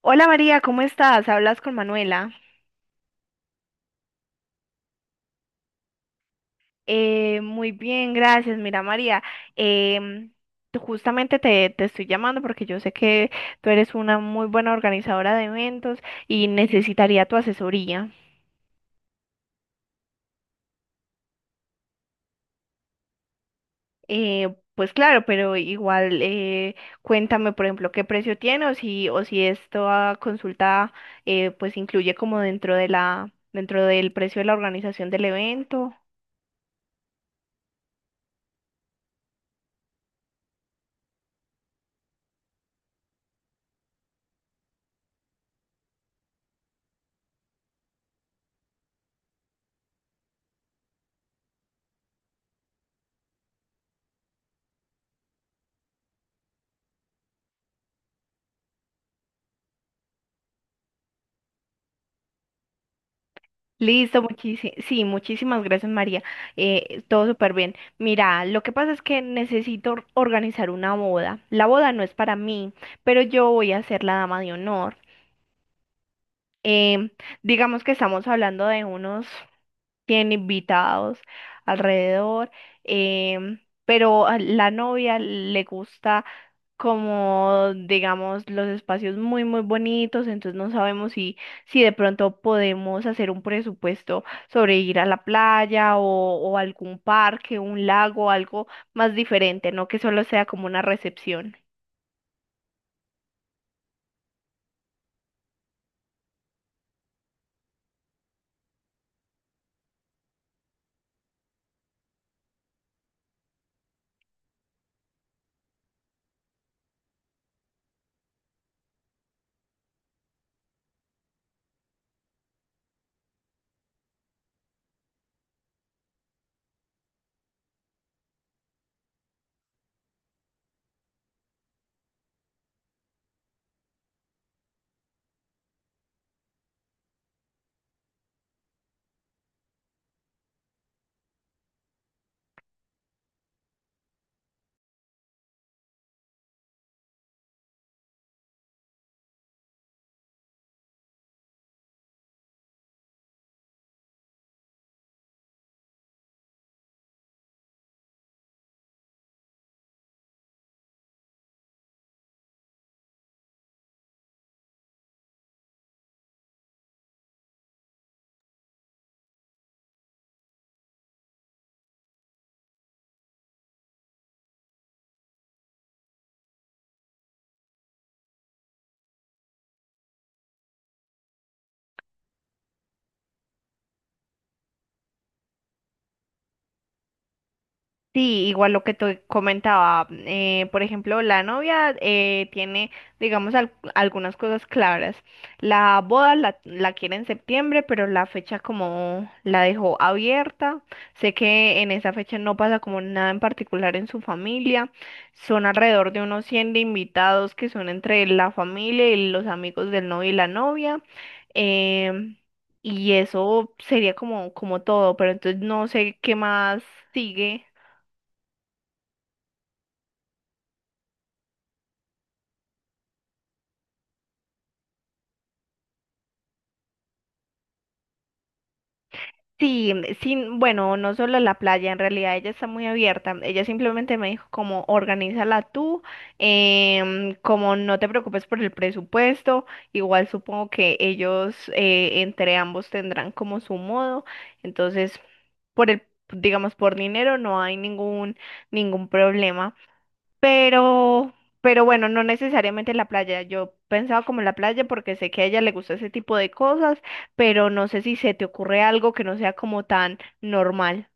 Hola María, ¿cómo estás? Hablas con Manuela. Muy bien, gracias. Mira María, em, justamente te estoy llamando porque yo sé que tú eres una muy buena organizadora de eventos y necesitaría tu asesoría. Pues claro, pero igual cuéntame, por ejemplo, qué precio tiene o o si esta consulta pues incluye como dentro de dentro del precio de la organización del evento. Listo, muchísimas, sí, muchísimas gracias María. Todo súper bien. Mira, lo que pasa es que necesito organizar una boda. La boda no es para mí, pero yo voy a ser la dama de honor. Em, digamos que estamos hablando de unos tiene invitados alrededor, pero a la novia le gusta como, digamos, los espacios muy, muy bonitos, entonces no sabemos si de pronto podemos hacer un presupuesto sobre ir a la playa o algún parque, un lago, algo más diferente, no que solo sea como una recepción. Sí, igual lo que te comentaba, por ejemplo, la novia tiene, digamos, algunas cosas claras. La boda la quiere en septiembre, pero la fecha como la dejó abierta. Sé que en esa fecha no pasa como nada en particular en su familia. Son alrededor de unos 100 de invitados que son entre la familia y los amigos del novio y la novia. Em, y eso sería como, como todo, pero entonces no sé qué más sigue. Sí, sí, bueno, no solo la playa, en realidad ella está muy abierta. Ella simplemente me dijo como organízala tú, como no te preocupes por el presupuesto, igual supongo que ellos entre ambos tendrán como su modo. Entonces, por el, digamos, por dinero no hay ningún, ningún problema. Pero, pero bueno, no necesariamente en la playa. Yo pensaba como en la playa porque sé que a ella le gusta ese tipo de cosas, pero no sé si se te ocurre algo que no sea como tan normal.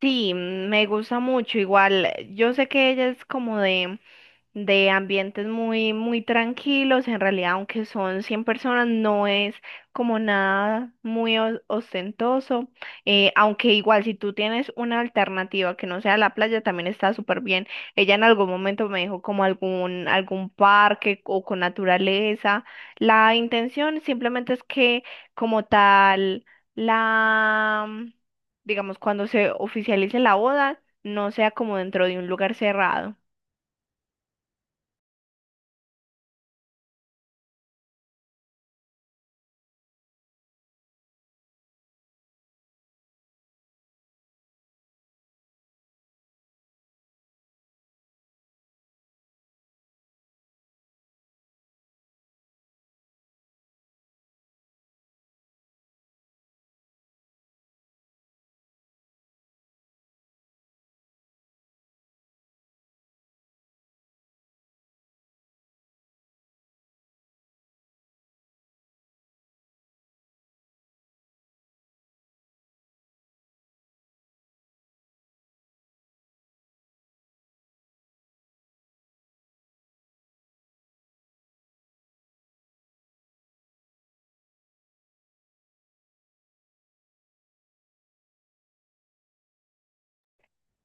Sí, me gusta mucho. Igual, yo sé que ella es como de ambientes muy, muy tranquilos. En realidad, aunque son 100 personas, no es como nada muy ostentoso. Aunque igual, si tú tienes una alternativa que no sea la playa, también está súper bien. Ella en algún momento me dijo como algún, algún parque o con naturaleza. La intención simplemente es que como tal, la digamos, cuando se oficialice la boda, no sea como dentro de un lugar cerrado.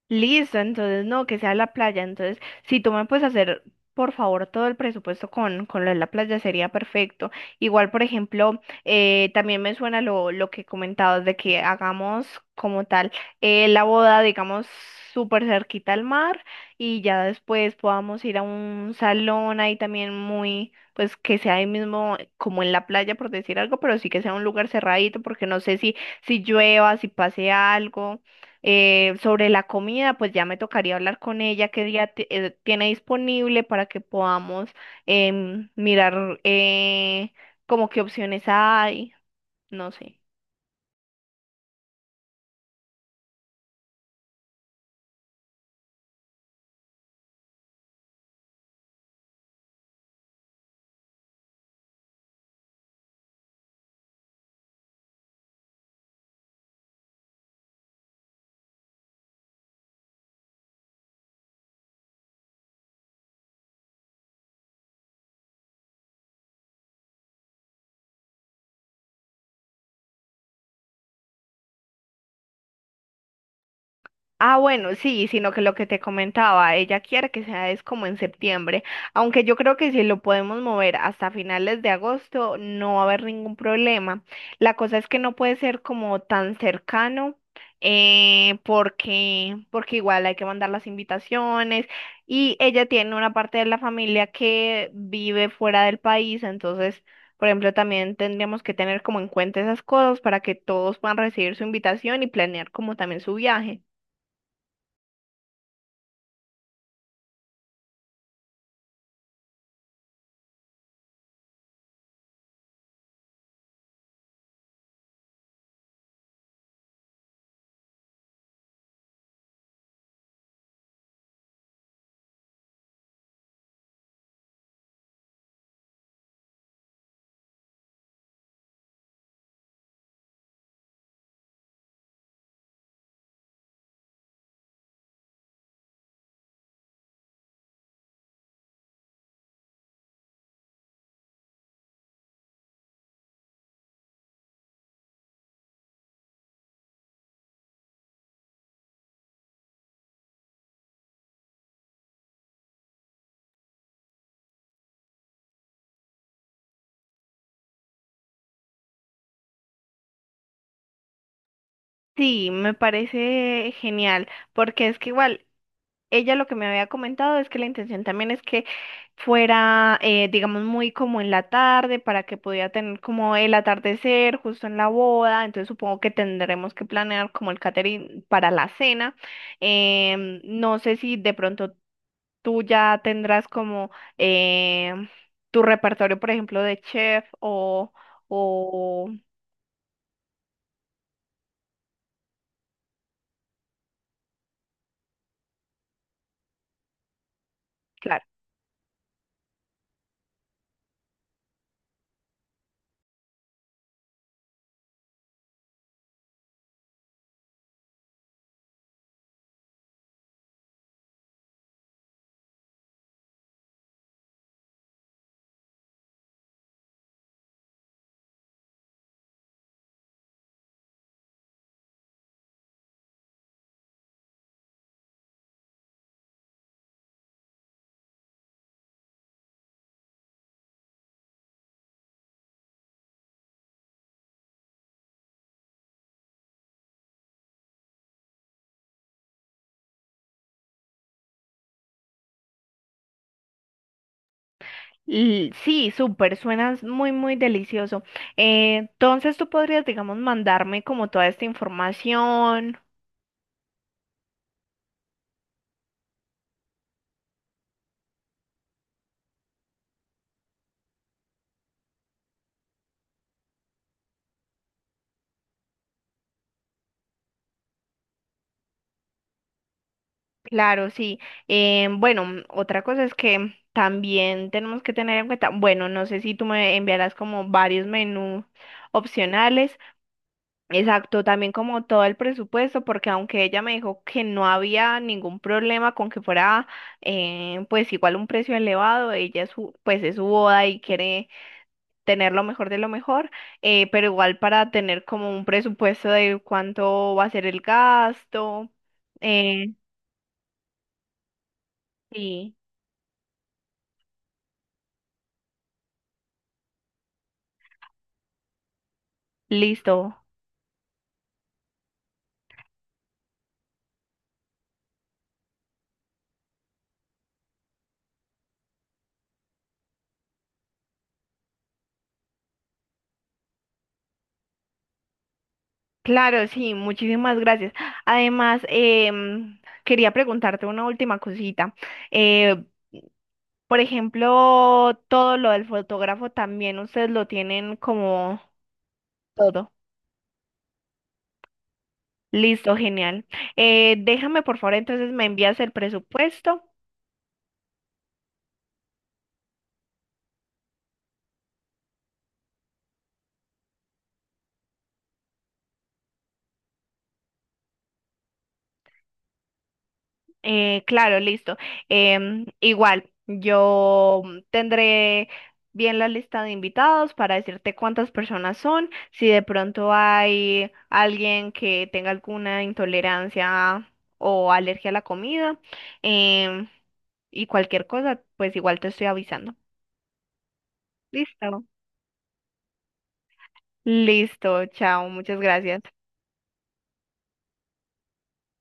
Listo, entonces no, que sea la playa. Entonces, si tú me puedes hacer, por favor, todo el presupuesto con lo de la playa sería perfecto. Igual, por ejemplo, también me suena lo que comentabas de que hagamos como tal la boda, digamos, súper cerquita al mar y ya después podamos ir a un salón ahí también muy, pues que sea ahí mismo como en la playa, por decir algo, pero sí que sea un lugar cerradito porque no sé si llueva, si pase algo. Sobre la comida, pues ya me tocaría hablar con ella qué día tiene disponible para que podamos mirar como qué opciones hay, no sé. Ah, bueno, sí, sino que lo que te comentaba, ella quiere que sea es como en septiembre, aunque yo creo que si lo podemos mover hasta finales de agosto no va a haber ningún problema. La cosa es que no puede ser como tan cercano, porque, porque igual hay que mandar las invitaciones y ella tiene una parte de la familia que vive fuera del país, entonces, por ejemplo, también tendríamos que tener como en cuenta esas cosas para que todos puedan recibir su invitación y planear como también su viaje. Sí, me parece genial, porque es que igual ella lo que me había comentado es que la intención también es que fuera, digamos, muy como en la tarde para que pudiera tener como el atardecer justo en la boda, entonces supongo que tendremos que planear como el catering para la cena. No sé si de pronto tú ya tendrás como em, tu repertorio, por ejemplo, de chef o, claro. Sí, súper, suena muy, muy delicioso. Entonces tú podrías, digamos, mandarme como toda esta información. Claro, sí. Bueno, otra cosa es que también tenemos que tener en cuenta, bueno, no sé si tú me enviarás como varios menús opcionales. Exacto, también como todo el presupuesto, porque aunque ella me dijo que no había ningún problema con que fuera, pues igual un precio elevado, ella es pues es su boda y quiere tener lo mejor de lo mejor, pero igual para tener como un presupuesto de cuánto va a ser el gasto. Eh, sí, listo. Claro, sí, muchísimas gracias. Además, quería preguntarte una última cosita. Eh, por ejemplo, todo lo del fotógrafo también ustedes lo tienen como todo. Listo, genial. Déjame, por favor, entonces me envías el presupuesto claro, listo. Igual, yo tendré bien la lista de invitados para decirte cuántas personas son, si de pronto hay alguien que tenga alguna intolerancia o alergia a la comida, em, y cualquier cosa, pues igual te estoy avisando. Listo. Listo, chao, muchas gracias.